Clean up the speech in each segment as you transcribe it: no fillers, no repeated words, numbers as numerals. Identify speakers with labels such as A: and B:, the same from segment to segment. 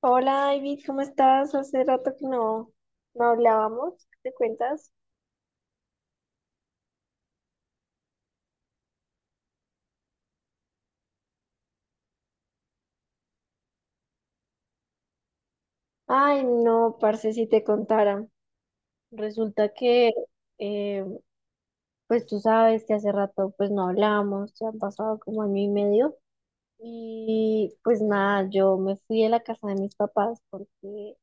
A: Hola, David, ¿cómo estás? Hace rato que no hablábamos. ¿Qué te cuentas? Ay, no, parce, si te contara. Resulta que, eh, pues tú sabes que hace rato pues no hablábamos, ya han pasado como año y medio. Y pues nada, yo me fui de la casa de mis papás porque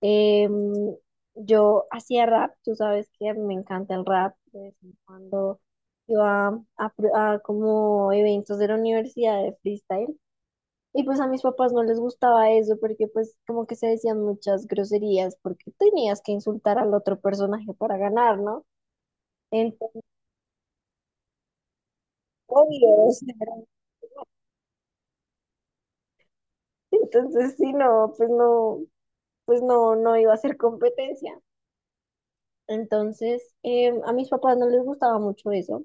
A: em, yo hacía rap, tú sabes que me encanta el rap, de vez en cuando iba a como eventos de la universidad de freestyle. Y pues a mis papás no les gustaba eso porque pues como que se decían muchas groserías porque tenías que insultar al otro personaje para ganar, ¿no? Entonces, obvio, o sea, entonces sí, no, no iba a ser competencia. Entonces, a mis papás no les gustaba mucho eso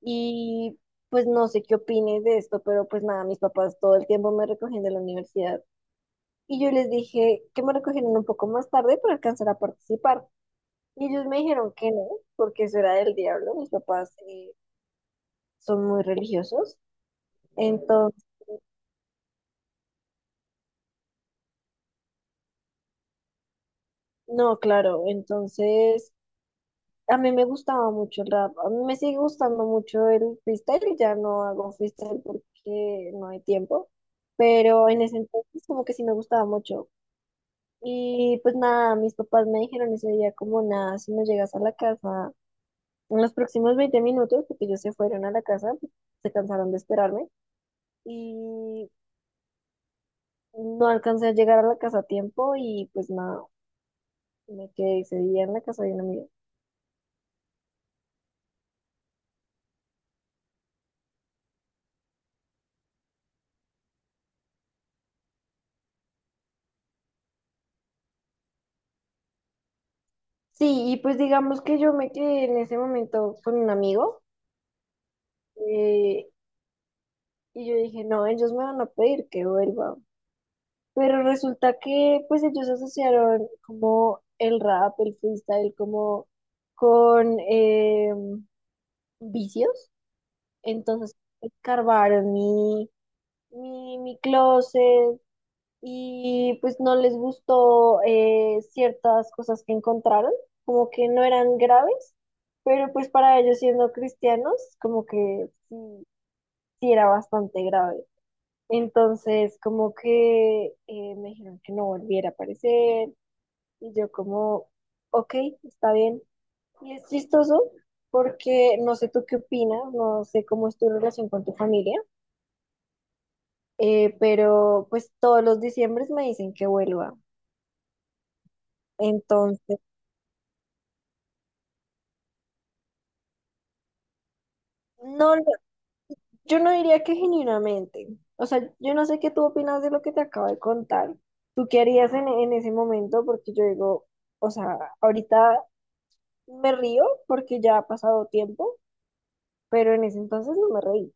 A: y pues no sé qué opines de esto, pero pues nada, mis papás todo el tiempo me recogían de la universidad y yo les dije que me recogieran un poco más tarde para alcanzar a participar. Y ellos me dijeron que no, porque eso era del diablo. Mis papás son muy religiosos. Entonces, no, claro, entonces a mí me gustaba mucho el rap, a mí me sigue gustando mucho el freestyle, ya no hago freestyle porque no hay tiempo, pero en ese entonces como que sí me gustaba mucho. Y pues nada, mis papás me dijeron ese día como nada, si no llegas a la casa en los próximos 20 minutos, porque ellos se fueron a la casa, se cansaron de esperarme. Y no alcancé a llegar a la casa a tiempo y pues nada, me quedé ese día en la casa de una amiga. Sí, y pues digamos que yo me quedé en ese momento con un amigo eh, y yo dije, no, ellos me van a pedir que vuelva. Pero resulta que pues ellos asociaron como el rap, el freestyle, como con vicios. Entonces escarbaron mi closet, y pues no les gustó ciertas cosas que encontraron, como que no eran graves, pero pues para ellos siendo cristianos, como que sí, sí era bastante grave. Entonces, como que me dijeron que no volviera a aparecer y yo como, ok, está bien. Y es chistoso porque no sé tú qué opinas, no sé cómo es tu relación con tu familia, pero pues todos los diciembres me dicen que vuelva. Entonces, no, yo no diría que genuinamente. O sea, yo no sé qué tú opinas de lo que te acabo de contar. ¿Tú qué harías en ese momento? Porque yo digo, o sea, ahorita me río porque ya ha pasado tiempo, pero en ese entonces no me reí.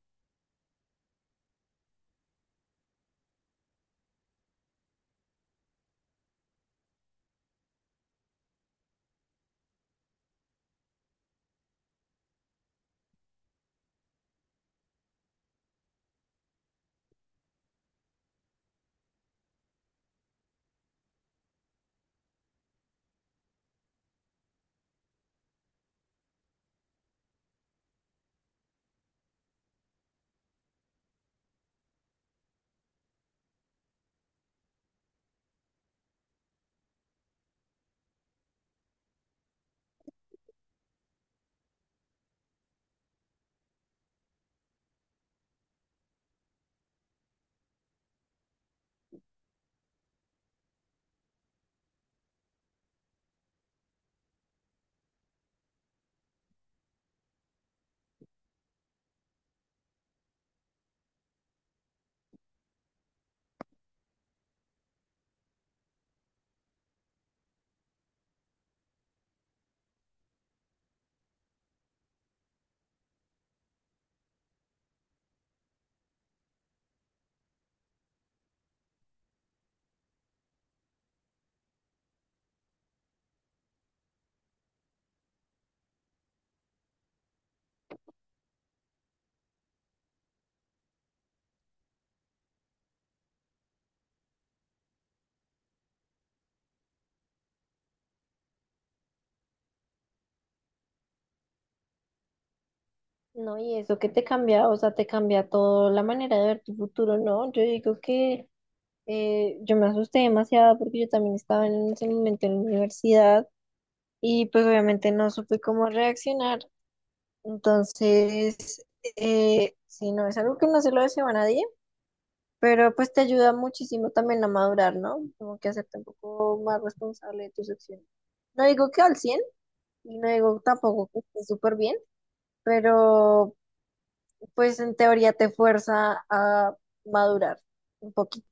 A: No, y eso que te cambia, o sea, te cambia toda la manera de ver tu futuro, ¿no? Yo digo que yo me asusté demasiado porque yo también estaba en ese momento en la universidad y pues obviamente no supe cómo reaccionar. Entonces, sí, no, es algo que no se lo deseo a nadie, pero pues te ayuda muchísimo también a madurar, ¿no? Como que hacerte un poco más responsable de tus acciones. No digo que al 100% y no digo tampoco que esté súper bien, pero pues en teoría te fuerza a madurar un poquito.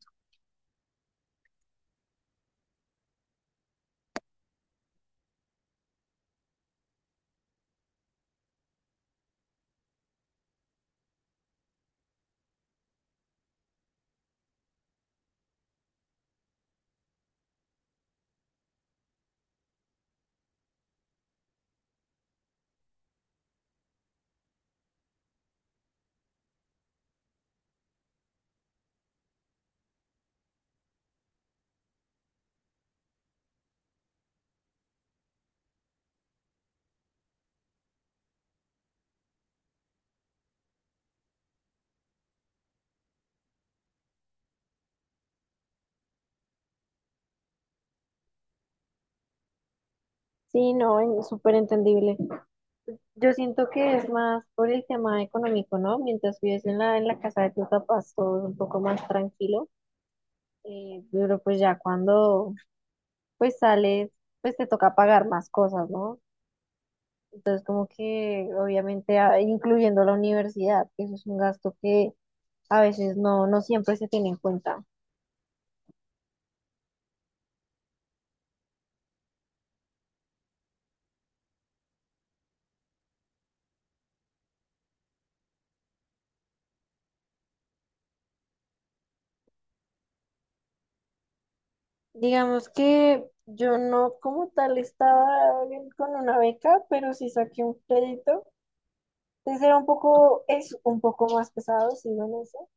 A: Sí, no, súper entendible. Yo siento que es más por el tema económico, ¿no? Mientras vives en la casa de tus papás, todo es un poco más tranquilo. Pero pues ya cuando pues sales, pues te toca pagar más cosas, ¿no? Entonces, como que obviamente incluyendo la universidad, que eso es un gasto que a veces no siempre se tiene en cuenta. Digamos que yo no como tal estaba con una beca, pero sí saqué un crédito. Entonces era un poco, es un poco más pesado, sigo en eso.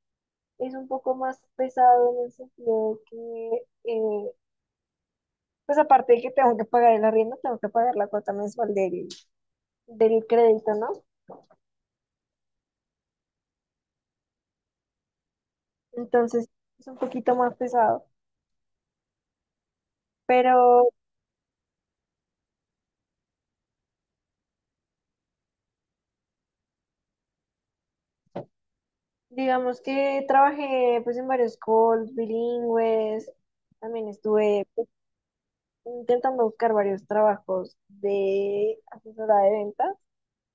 A: Es un poco más pesado en el sentido de que, pues aparte de que tengo que pagar el arriendo, tengo que pagar la cuota mensual del crédito, ¿no? Entonces es un poquito más pesado. Pero digamos que trabajé pues en varios calls bilingües. También estuve pues, intentando buscar varios trabajos de asesora de ventas.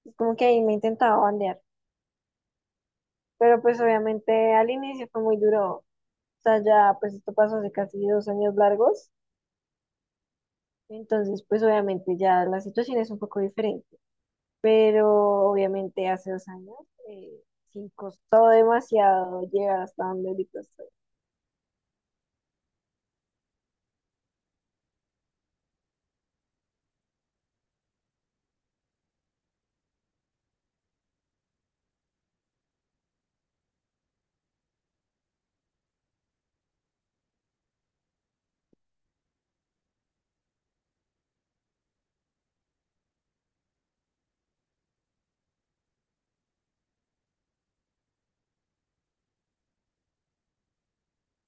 A: Es como que ahí me intentaba bandear. Pero pues obviamente al inicio fue muy duro. O sea, ya pues esto pasó hace casi 2 años largos. Entonces pues obviamente ya la situación es un poco diferente. Pero obviamente hace 2 años eh, sí costó demasiado llegar hasta donde ahorita estoy.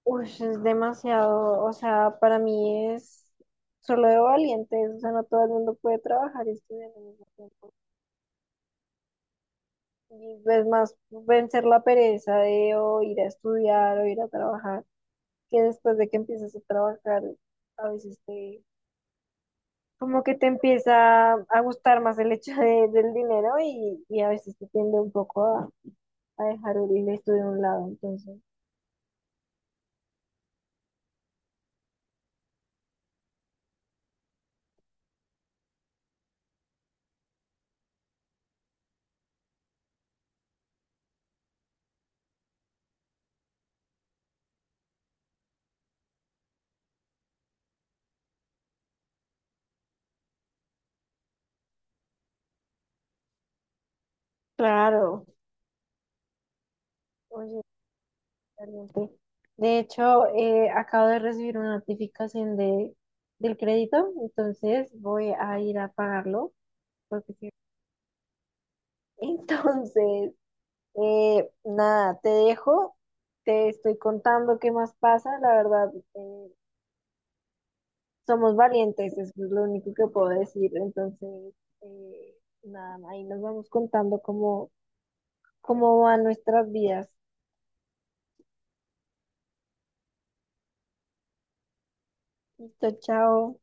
A: Uy, es demasiado, o sea, para mí es solo de valientes, o sea, no todo el mundo puede trabajar y estudiar al mismo tiempo. Y es más vencer la pereza de o ir a estudiar o ir a trabajar, que después de que empiezas a trabajar, a veces como que te empieza a gustar más el hecho del dinero y a veces te tiende un poco a dejar horrible esto de un lado, entonces. Claro. Oye, excelente. De hecho, acabo de recibir una notificación de, del crédito, entonces voy a ir a pagarlo. Porque... sí. Entonces, nada, te dejo, te estoy contando qué más pasa. La verdad, somos valientes, eso es lo único que puedo decir. Entonces, eh, nada, ahí nos vamos contando cómo van nuestras vidas. Listo, chao.